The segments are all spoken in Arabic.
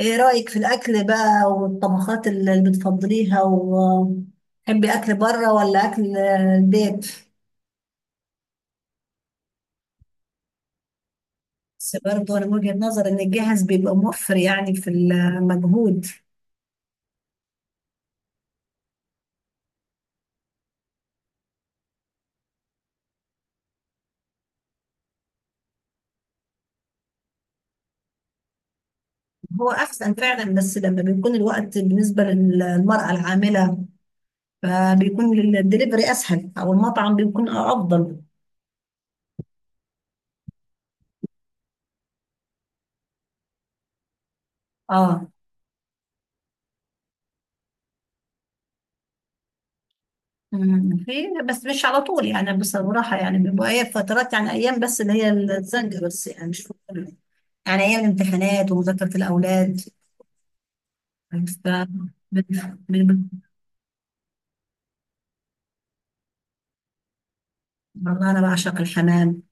ايه رأيك في الأكل بقى والطبخات اللي بتفضليها وتحبي أكل بره ولا أكل البيت؟ بس برضه أنا من وجهة نظر إن الجاهز بيبقى موفر يعني في المجهود. هو أحسن فعلا، بس لما بيكون الوقت بالنسبة للمرأة العاملة فبيكون الدليفري أسهل أو المطعم بيكون أفضل. اه. في. بس مش على طول يعني، بصراحة يعني بيبقى هي فترات، يعني أيام بس اللي هي الزنجة بس، يعني مش كتير. يعني ايام الامتحانات ومذاكره الاولاد. ف- بن- بن- والله انا بعشق الحمام،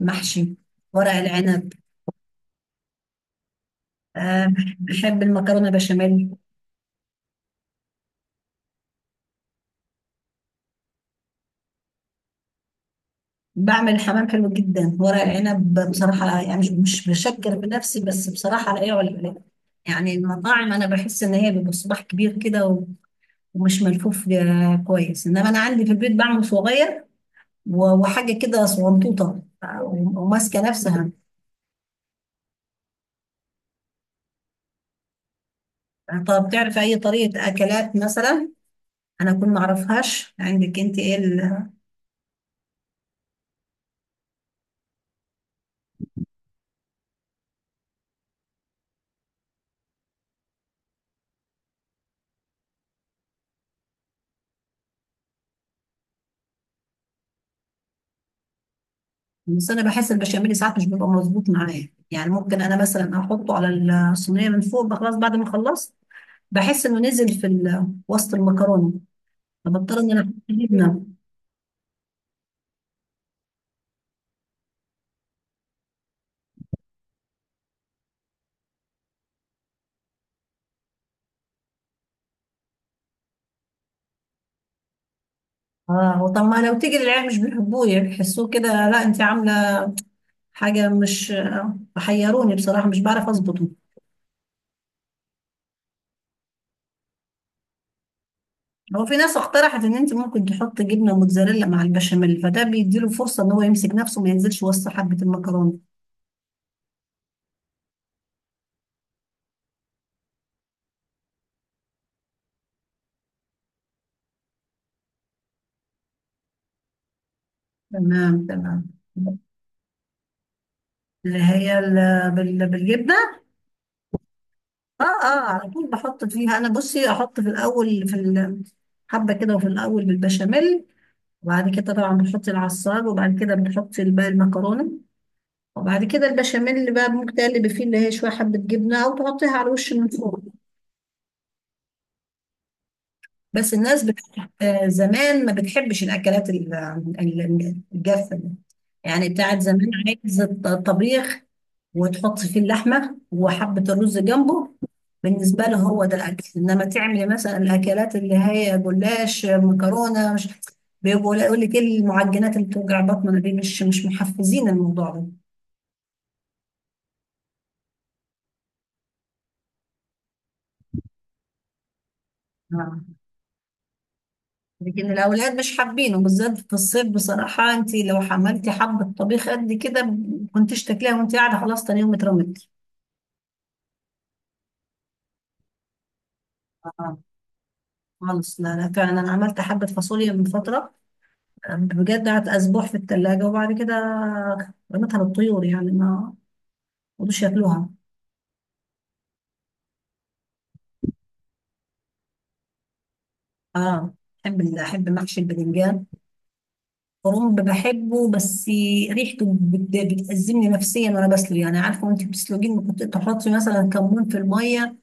محشي، ورق العنب، آه، بحب المكرونه بشاميل. بعمل الحمام حلو جدا. ورق العنب بصراحه يعني مش بشكر بنفسي، بس بصراحه لا يعلى عليه. يعني المطاعم انا بحس ان هي بيبقى صباح كبير كده ومش ملفوف، كويس، انما انا عندي في البيت بعمل صغير وحاجه كده صغنطوطه، وماسكه نفسها. طب تعرف اي طريقه اكلات مثلا انا اكون ما اعرفهاش؟ عندك انت ايه بس انا بحس البشاميل ساعات مش بيبقى مظبوط معايا، يعني ممكن انا مثلا احطه على الصينيه من فوق بقى خلاص بعد ما خلصت، بحس انه نزل في وسط المكرونه، فبضطر ان انا احط جبنه. اه طب ما لو تيجي للعيال مش بيحبوه، بيحسوه كده لا انت عامله حاجه مش حيروني بصراحه، مش بعرف اظبطه. هو في ناس اقترحت ان انت ممكن تحط جبنه موتزاريلا مع البشاميل، فده بيديله فرصه ان هو يمسك نفسه ما ينزلش وسط حبه المكرونه. تمام تمام. اللي هي بالجبنه. اه اه، على طول بحط فيها انا. بصي احط في الاول في حبه كده، وفي الاول بالبشاميل، وبعد كده طبعا بنحط العصار، وبعد كده بنحط الباقي المكرونه، وبعد كده البشاميل اللي بقى ممكن تقلب فيه اللي هي شويه حبه جبنه، او تحطيها على الوش من فوق. بس الناس بت... آه، زمان ما بتحبش الأكلات الجافة دي. يعني بتاعت زمان، عايز طبيخ، وتحط فيه اللحمة وحبة الرز جنبه. بالنسبة له هو ده الأكل، إنما تعمل مثلا الأكلات اللي هي جلاش، مكرونة، مش يقول لك إيه المعجنات اللي بتوجع بطننا دي؟ مش محفزين الموضوع ده. نعم. لكن الأولاد مش حابينه، بالذات في الصيف بصراحة. أنت لو حملتي حبة طبيخ قد كده كنتيش تاكليها، وأنت قاعدة خلاص تاني يوم اترمت. آه، خالص. لا لا، فعلا أنا عملت حبة فاصوليا من فترة، بجد قعدت أسبوع في التلاجة، وبعد كده رميتها للطيور، يعني ما رضوش ياكلوها. اه، بحب أحب محشي الباذنجان. كرنب بحبه، بس ريحته بتأزمني نفسيا وأنا بسلق، يعني عارفة وأنت بتسلقين ممكن تحطي مثلا كمون في المية،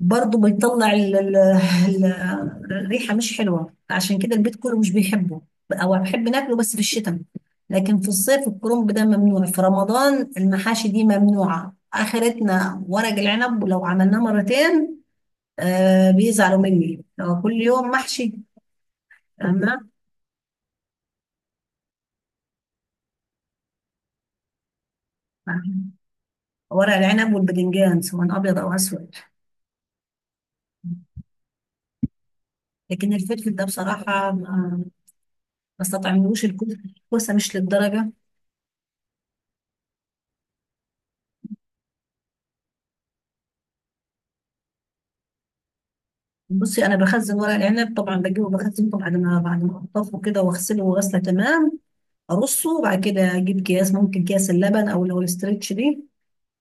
برضه بيطلع الريحة مش حلوة، عشان كده البيت كله مش بيحبه. أو بحب ناكله بس في الشتاء، لكن في الصيف الكرنب ده ممنوع. في رمضان المحاشي دي ممنوعة، آخرتنا ورق العنب، ولو عملناه مرتين آه بيزعلوا مني لو كل يوم محشي. أما ورق العنب والباذنجان سواء أبيض أو أسود، لكن الفلفل ده بصراحة ما استطعملوش. الكوسة مش للدرجة. بصي، انا بخزن ورق العنب طبعا، بجيبه بخزنه بعد ما انضفه كده واغسله، وغسله تمام ارصه، وبعد كده اجيب اكياس، ممكن اكياس اللبن او اللي هو الاسترتش دي،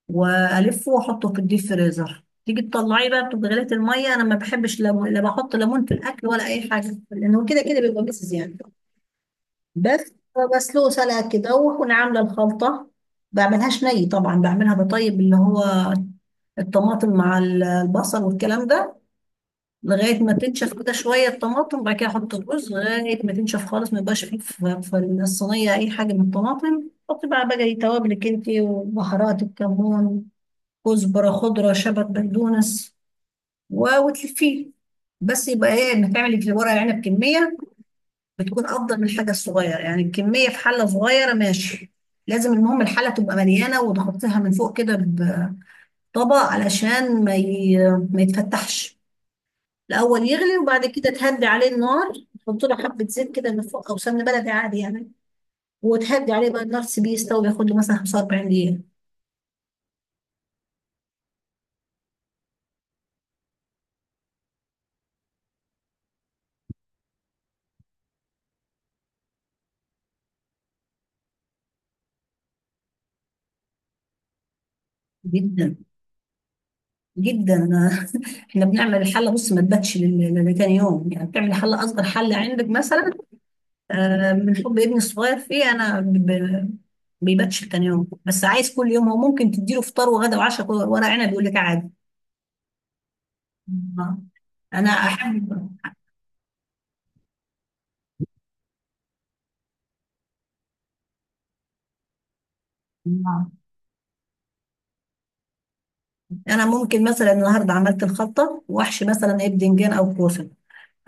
والفه واحطه في الديب فريزر. تيجي تطلعيه بقى، بتبقى غليت الميه. انا ما بحبش ليمون، لا بحط ليمون في الاكل ولا اي حاجه، لانه كده كده بيبقى مسز يعني. بس بسلقه سلقه كده، واكون عامله الخلطه. بعملهاش ني طبعا، بعملها بطيب اللي هو الطماطم مع البصل والكلام ده لغاية ما تنشف كده شوية الطماطم، وبعد كده أحط الرز لغاية ما تنشف خالص، ما يبقاش فيه في الصينية أي حاجة من الطماطم. حطي بقى توابلك انتي وبهارات، الكمون، كزبرة خضرة، شبت، بقدونس، وتلفيه. بس يبقى ايه انك تعملي في ورق العنب كمية، بتكون أفضل من الحاجة الصغيرة. يعني الكمية في حلة صغيرة ماشي، لازم المهم الحلة تبقى مليانة، وتغطيها من فوق كده بطبق علشان ما يتفتحش. الاول يغلي، وبعد كده تهدي عليه النار، تحط له حبه زيت كده من فوق او سمن بلدي عادي يعني، وتهدي عليه بقى النار، تسيبيه يستوي، ياخد له مثلا 45 دقيقه. جدا جدا. احنا بنعمل الحله بص، ما تباتش لتاني يوم. يعني بتعمل حله، اصغر حله عندك مثلا، آه، من حب ابني الصغير فيه انا بيباتش لتاني يوم، بس عايز كل يوم هو. ممكن تديله فطار وغدا وعشاء ورق عنب يقول لك عادي. آه. انا احب. آه. انا ممكن مثلا النهارده عملت الخلطه واحشي مثلا ايه بدنجان او كوسه،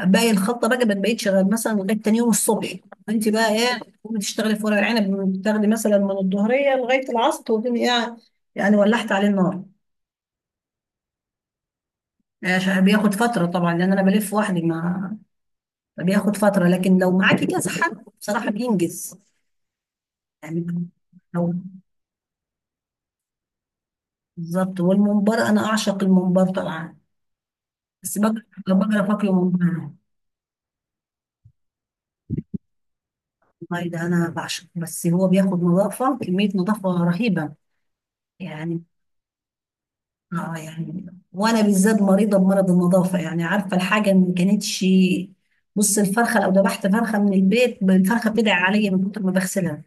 باقي الخلطه بقى ما بقتش غير مثلا لغايه تاني يوم الصبح. انت بقى ايه، تقومي تشتغلي في ورق العنب بتاخدي مثلا من الظهريه لغايه العصر، تقومي ايه يعني، ولحت عليه النار. عشان بياخد فتره طبعا، لان انا بلف وحدي، ما بياخد فتره، لكن لو معاكي كذا حد بصراحه بينجز يعني. لو بالظبط. والممبار انا اعشق الممبار طبعا، بس بقرف اكله ممبار. والله ده انا بعشقه، بس هو بياخد نظافه، كميه نظافه رهيبه يعني. اه يعني، وانا بالذات مريضه بمرض النظافه، يعني عارفه الحاجه اللي ما كانتش. بص الفرخه لو ذبحت فرخه من البيت، الفرخه بتدعي عليا من كتر ما بغسلها.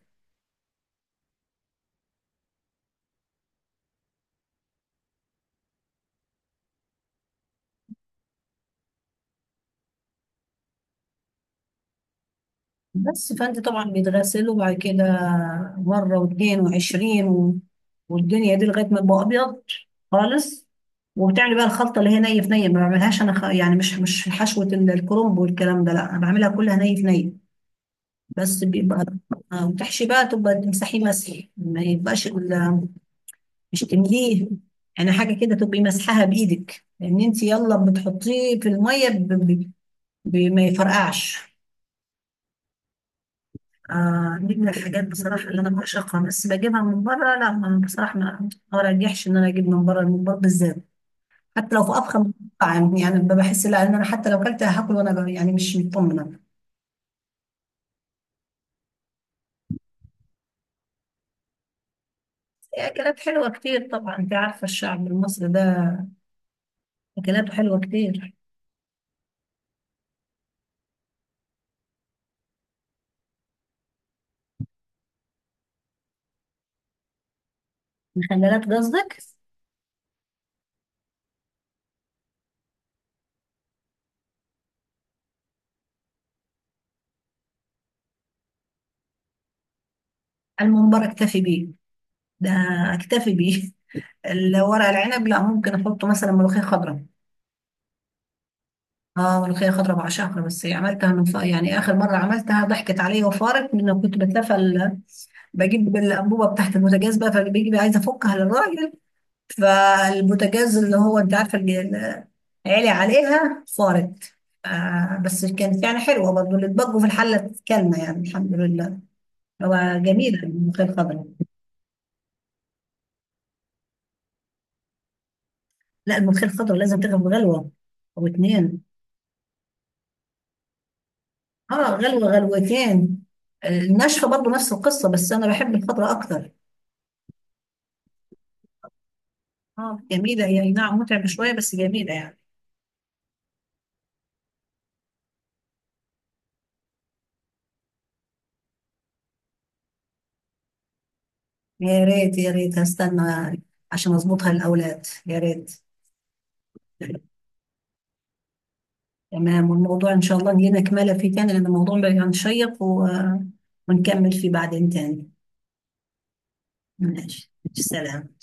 بس فانت طبعا بيتغسل، وبعد كده مره واثنين وعشرين والدنيا دي لغايه ما يبقى ابيض خالص. وبتعمل بقى الخلطه اللي هي ني في ني، ما بعملهاش انا يعني مش حشوه الكرنب والكلام ده، لا انا بعملها كلها ني في ني. بس بيبقى آه، وتحشي بقى، تبقى تمسحيه مسح ما يبقاش مش تمليه يعني. حاجه كده تبقي مسحها بايدك، لان انت يلا بتحطيه في الميه ما يفرقعش. دي من الحاجات بصراحه اللي انا بعشقها، بس بجيبها من بره لا، بصراحه ما ارجحش ان انا اجيب من بره الممبار بالذات. حتى لو في افخم مطعم، يعني بحس لا، ان انا حتى لو كلت هاكل وانا يعني مش مطمنه. في اكلات حلوه كتير طبعا، انت عارفه الشعب المصري ده اكلاته حلوه كتير. مخللات قصدك؟ الممبار اكتفي بيه ده، اكتفي بيه. الورق العنب لا، ممكن احطه مثلا ملوخيه خضراء. اه، ملوخيه خضراء بعشقها، بس عملتها يعني اخر مره عملتها ضحكت عليا وفارت، من إنه كنت بجيب الانبوبه بتاعت البوتاجاز بقى، فبيجي بقى عايزه افكها للراجل، فالبوتاجاز اللي هو انت عارفه، اللي عالي عليها فارت. آه، بس كانت يعني حلوه برضه اللي اتبقوا في الحله، كلمه يعني الحمد لله. هو جميل الملوخيه الخضراء. لا، الملوخية الخضراء لازم تغلو غلوة أو اتنين. اه، غلوة غلوتين. الناشفة برضه نفس القصة، بس أنا بحب الخضراء أكتر. اه جميلة هي، أي نعم متعبة شوية بس جميلة يعني. يا ريت يا ريت، هستنى عشان أظبطها للأولاد، يا ريت. تمام. والموضوع إن شاء الله لينا كمالة فيه تاني، لأن الموضوع بقى شيق ونكمل فيه بعدين تاني. ماشي سلام.